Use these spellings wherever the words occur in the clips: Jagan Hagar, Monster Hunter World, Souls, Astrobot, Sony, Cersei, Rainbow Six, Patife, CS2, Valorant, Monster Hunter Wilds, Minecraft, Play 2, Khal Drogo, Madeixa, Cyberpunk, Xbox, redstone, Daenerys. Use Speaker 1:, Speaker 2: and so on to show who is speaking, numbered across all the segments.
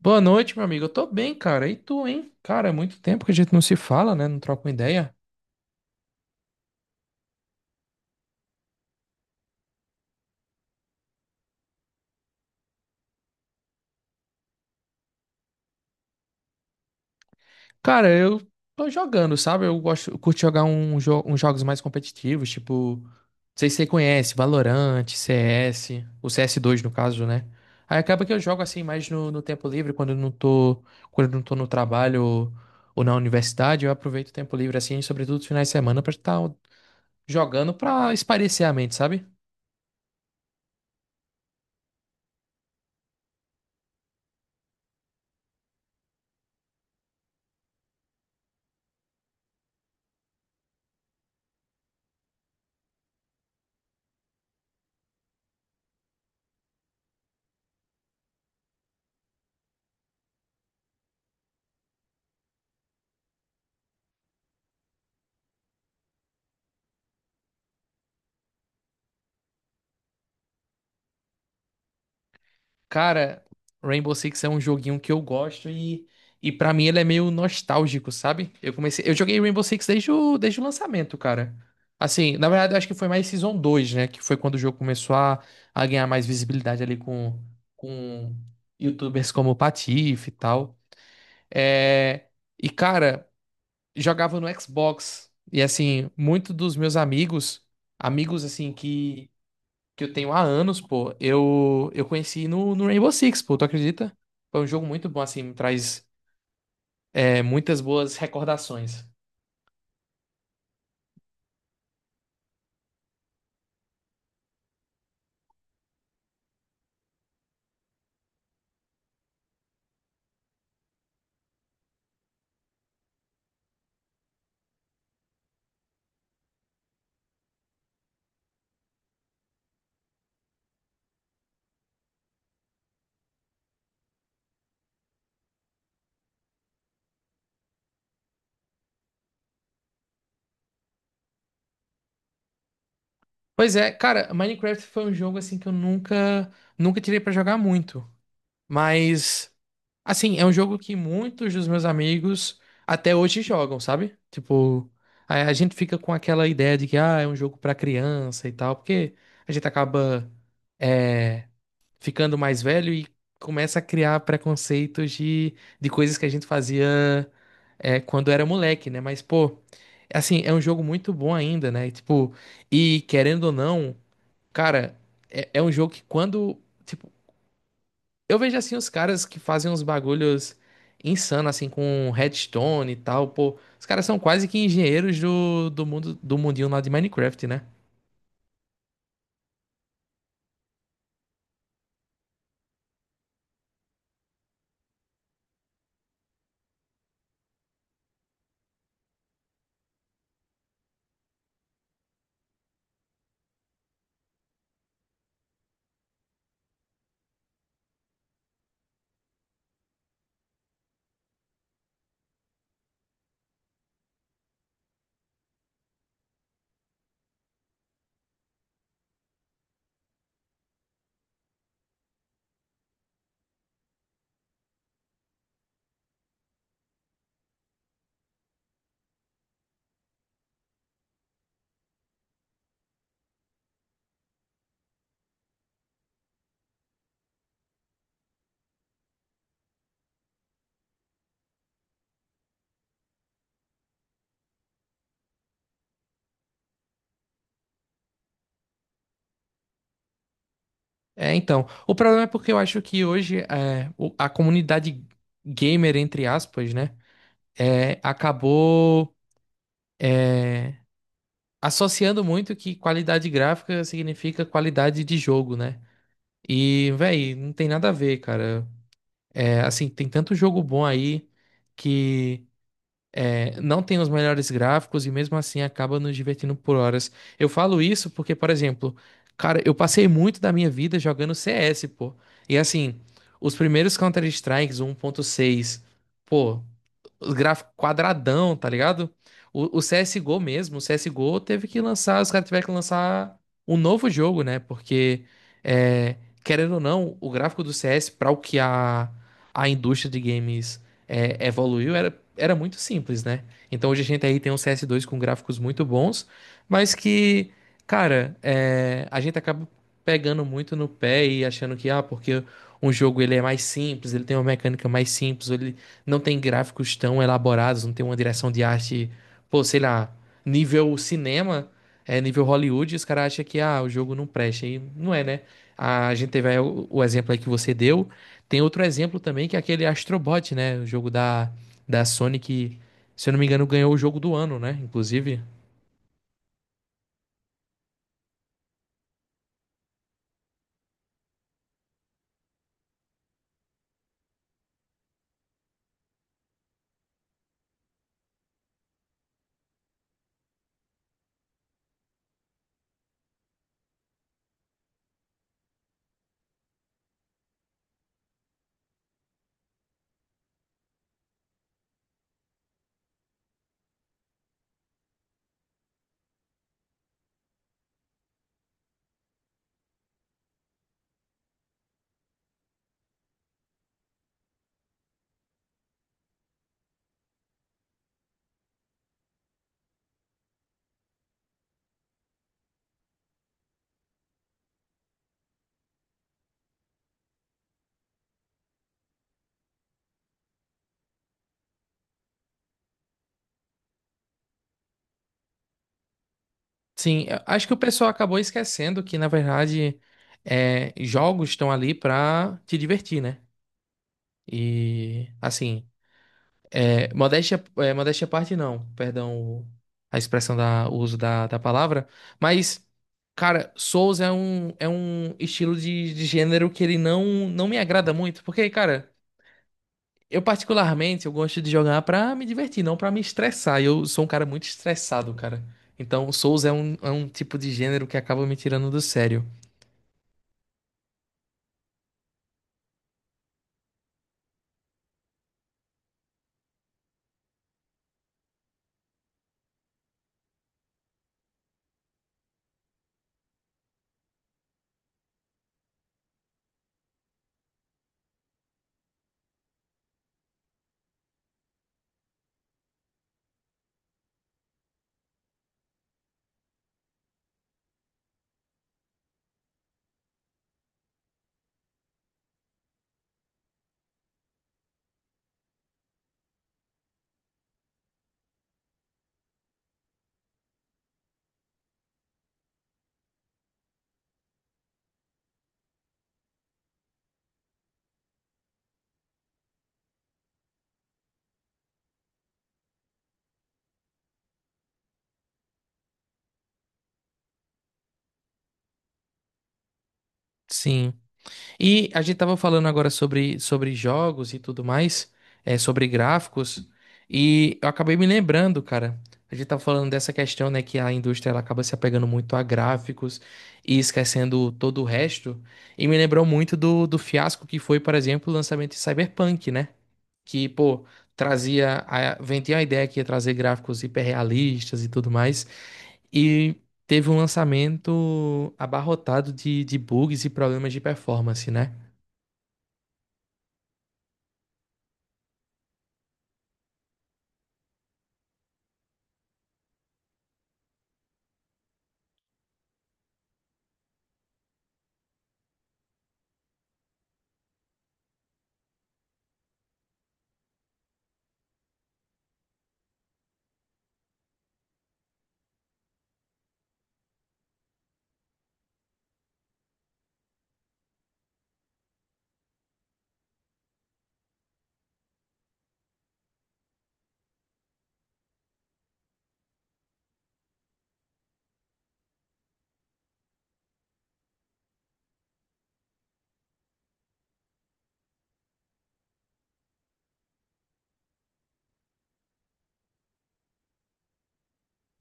Speaker 1: Boa noite, meu amigo. Eu tô bem, cara. E tu, hein? Cara, é muito tempo que a gente não se fala, né? Não troca uma ideia. Cara, eu tô jogando, sabe? Eu gosto, eu curto jogar uns jogos mais competitivos, tipo, não sei se você conhece, Valorant, CS, o CS2 no caso, né? Aí acaba que eu jogo assim mais no tempo livre, quando eu não tô no trabalho ou na universidade, eu aproveito o tempo livre assim, sobretudo os finais de semana pra estar jogando pra espairecer a mente, sabe? Cara, Rainbow Six é um joguinho que eu gosto e para mim ele é meio nostálgico, sabe? Eu comecei, eu joguei Rainbow Six desde o lançamento, cara. Assim, na verdade, eu acho que foi mais Season 2, né? Que foi quando o jogo começou a ganhar mais visibilidade ali com YouTubers como o Patife e tal. É, e, cara, jogava no Xbox. E, assim, muitos dos meus amigos, assim, que eu tenho há anos, pô, eu conheci no Rainbow Six, pô, tu acredita? Foi um jogo muito bom, assim, me traz muitas boas recordações. Pois é, cara, Minecraft foi um jogo assim que eu nunca tirei pra jogar muito. Mas, assim, é um jogo que muitos dos meus amigos até hoje jogam, sabe? Tipo, a gente fica com aquela ideia de que, ah, é um jogo pra criança e tal, porque a gente acaba é, ficando mais velho e começa a criar preconceitos de coisas que a gente fazia, quando era moleque, né? Mas, pô, assim, é um jogo muito bom ainda, né? Tipo, e querendo ou não, cara, é um jogo que quando, tipo, eu vejo assim os caras que fazem uns bagulhos insanos, assim, com redstone e tal, pô. Os caras são quase que engenheiros do mundo do mundinho lá de Minecraft, né? É, então. O problema é porque eu acho que hoje a comunidade gamer, entre aspas, né? É, acabou é, associando muito que qualidade gráfica significa qualidade de jogo, né? E, véi, não tem nada a ver, cara. É, assim, tem tanto jogo bom aí que. É, não tem os melhores gráficos e mesmo assim acaba nos divertindo por horas. Eu falo isso porque, por exemplo, cara, eu passei muito da minha vida jogando CS, pô. E assim, os primeiros Counter-Strikes 1.6, pô, os gráficos quadradão, tá ligado? O CSGO mesmo, o CSGO teve que lançar, os caras tiveram que lançar um novo jogo, né? Porque, é, querendo ou não, o gráfico do CS, para o que a indústria de games, evoluiu, era muito simples, né? Então hoje a gente aí tem um CS2 com gráficos muito bons, mas que, cara, a gente acaba pegando muito no pé e achando que, ah, porque um jogo ele é mais simples, ele tem uma mecânica mais simples, ou ele não tem gráficos tão elaborados, não tem uma direção de arte, pô, sei lá, nível cinema, é nível Hollywood, e os caras acham que, ah, o jogo não presta. E não é, né? A gente teve aí o exemplo aí que você deu. Tem outro exemplo também, que é aquele Astrobot, né? O jogo da Sony que, se eu não me engano, ganhou o jogo do ano, né? Inclusive. Sim, eu acho que o pessoal acabou esquecendo que, na verdade, jogos estão ali pra te divertir, né? E, assim, modéstia à parte, não. Perdão a expressão o uso da palavra. Mas, cara, Souls é um, estilo de gênero que ele não me agrada muito. Porque, cara, eu particularmente eu gosto de jogar pra me divertir, não pra me estressar. Eu sou um cara muito estressado, cara. Então, Souls é um, tipo de gênero que acaba me tirando do sério. Sim. E a gente tava falando agora sobre jogos e tudo mais, sobre gráficos, e eu acabei me lembrando, cara. A gente tava falando dessa questão, né, que a indústria ela acaba se apegando muito a gráficos e esquecendo todo o resto. E me lembrou muito do fiasco que foi, por exemplo, o lançamento de Cyberpunk, né? Que, pô, vendia a ideia que ia trazer gráficos hiperrealistas e tudo mais. E teve um lançamento abarrotado de bugs e problemas de performance, né?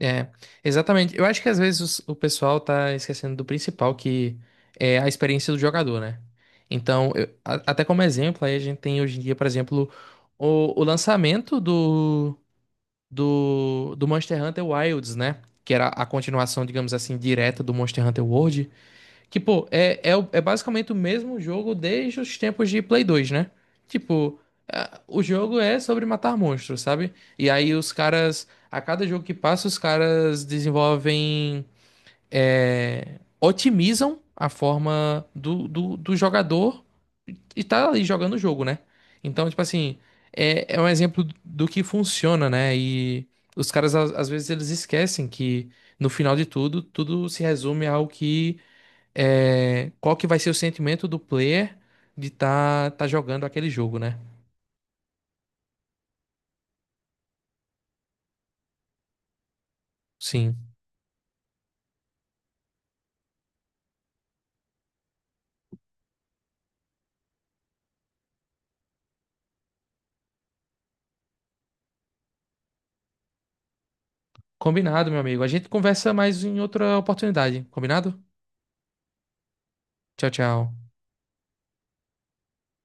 Speaker 1: É, exatamente. Eu acho que às vezes o pessoal tá esquecendo do principal, que é a experiência do jogador, né? Então, até como exemplo, aí a gente tem hoje em dia, por exemplo, o lançamento do Monster Hunter Wilds, né? Que era a continuação, digamos assim, direta do Monster Hunter World. Tipo, é basicamente o mesmo jogo desde os tempos de Play 2, né? Tipo, o jogo é sobre matar monstros, sabe? E aí os caras, a cada jogo que passa, os caras desenvolvem, otimizam a forma do jogador e tá ali jogando o jogo, né? Então, tipo assim, é um exemplo do que funciona, né? E os caras, às vezes, eles esquecem que no final de tudo, tudo se resume ao que qual que vai ser o sentimento do player de estar tá jogando aquele jogo, né? Sim. Combinado, meu amigo. A gente conversa mais em outra oportunidade. Combinado? Tchau, tchau.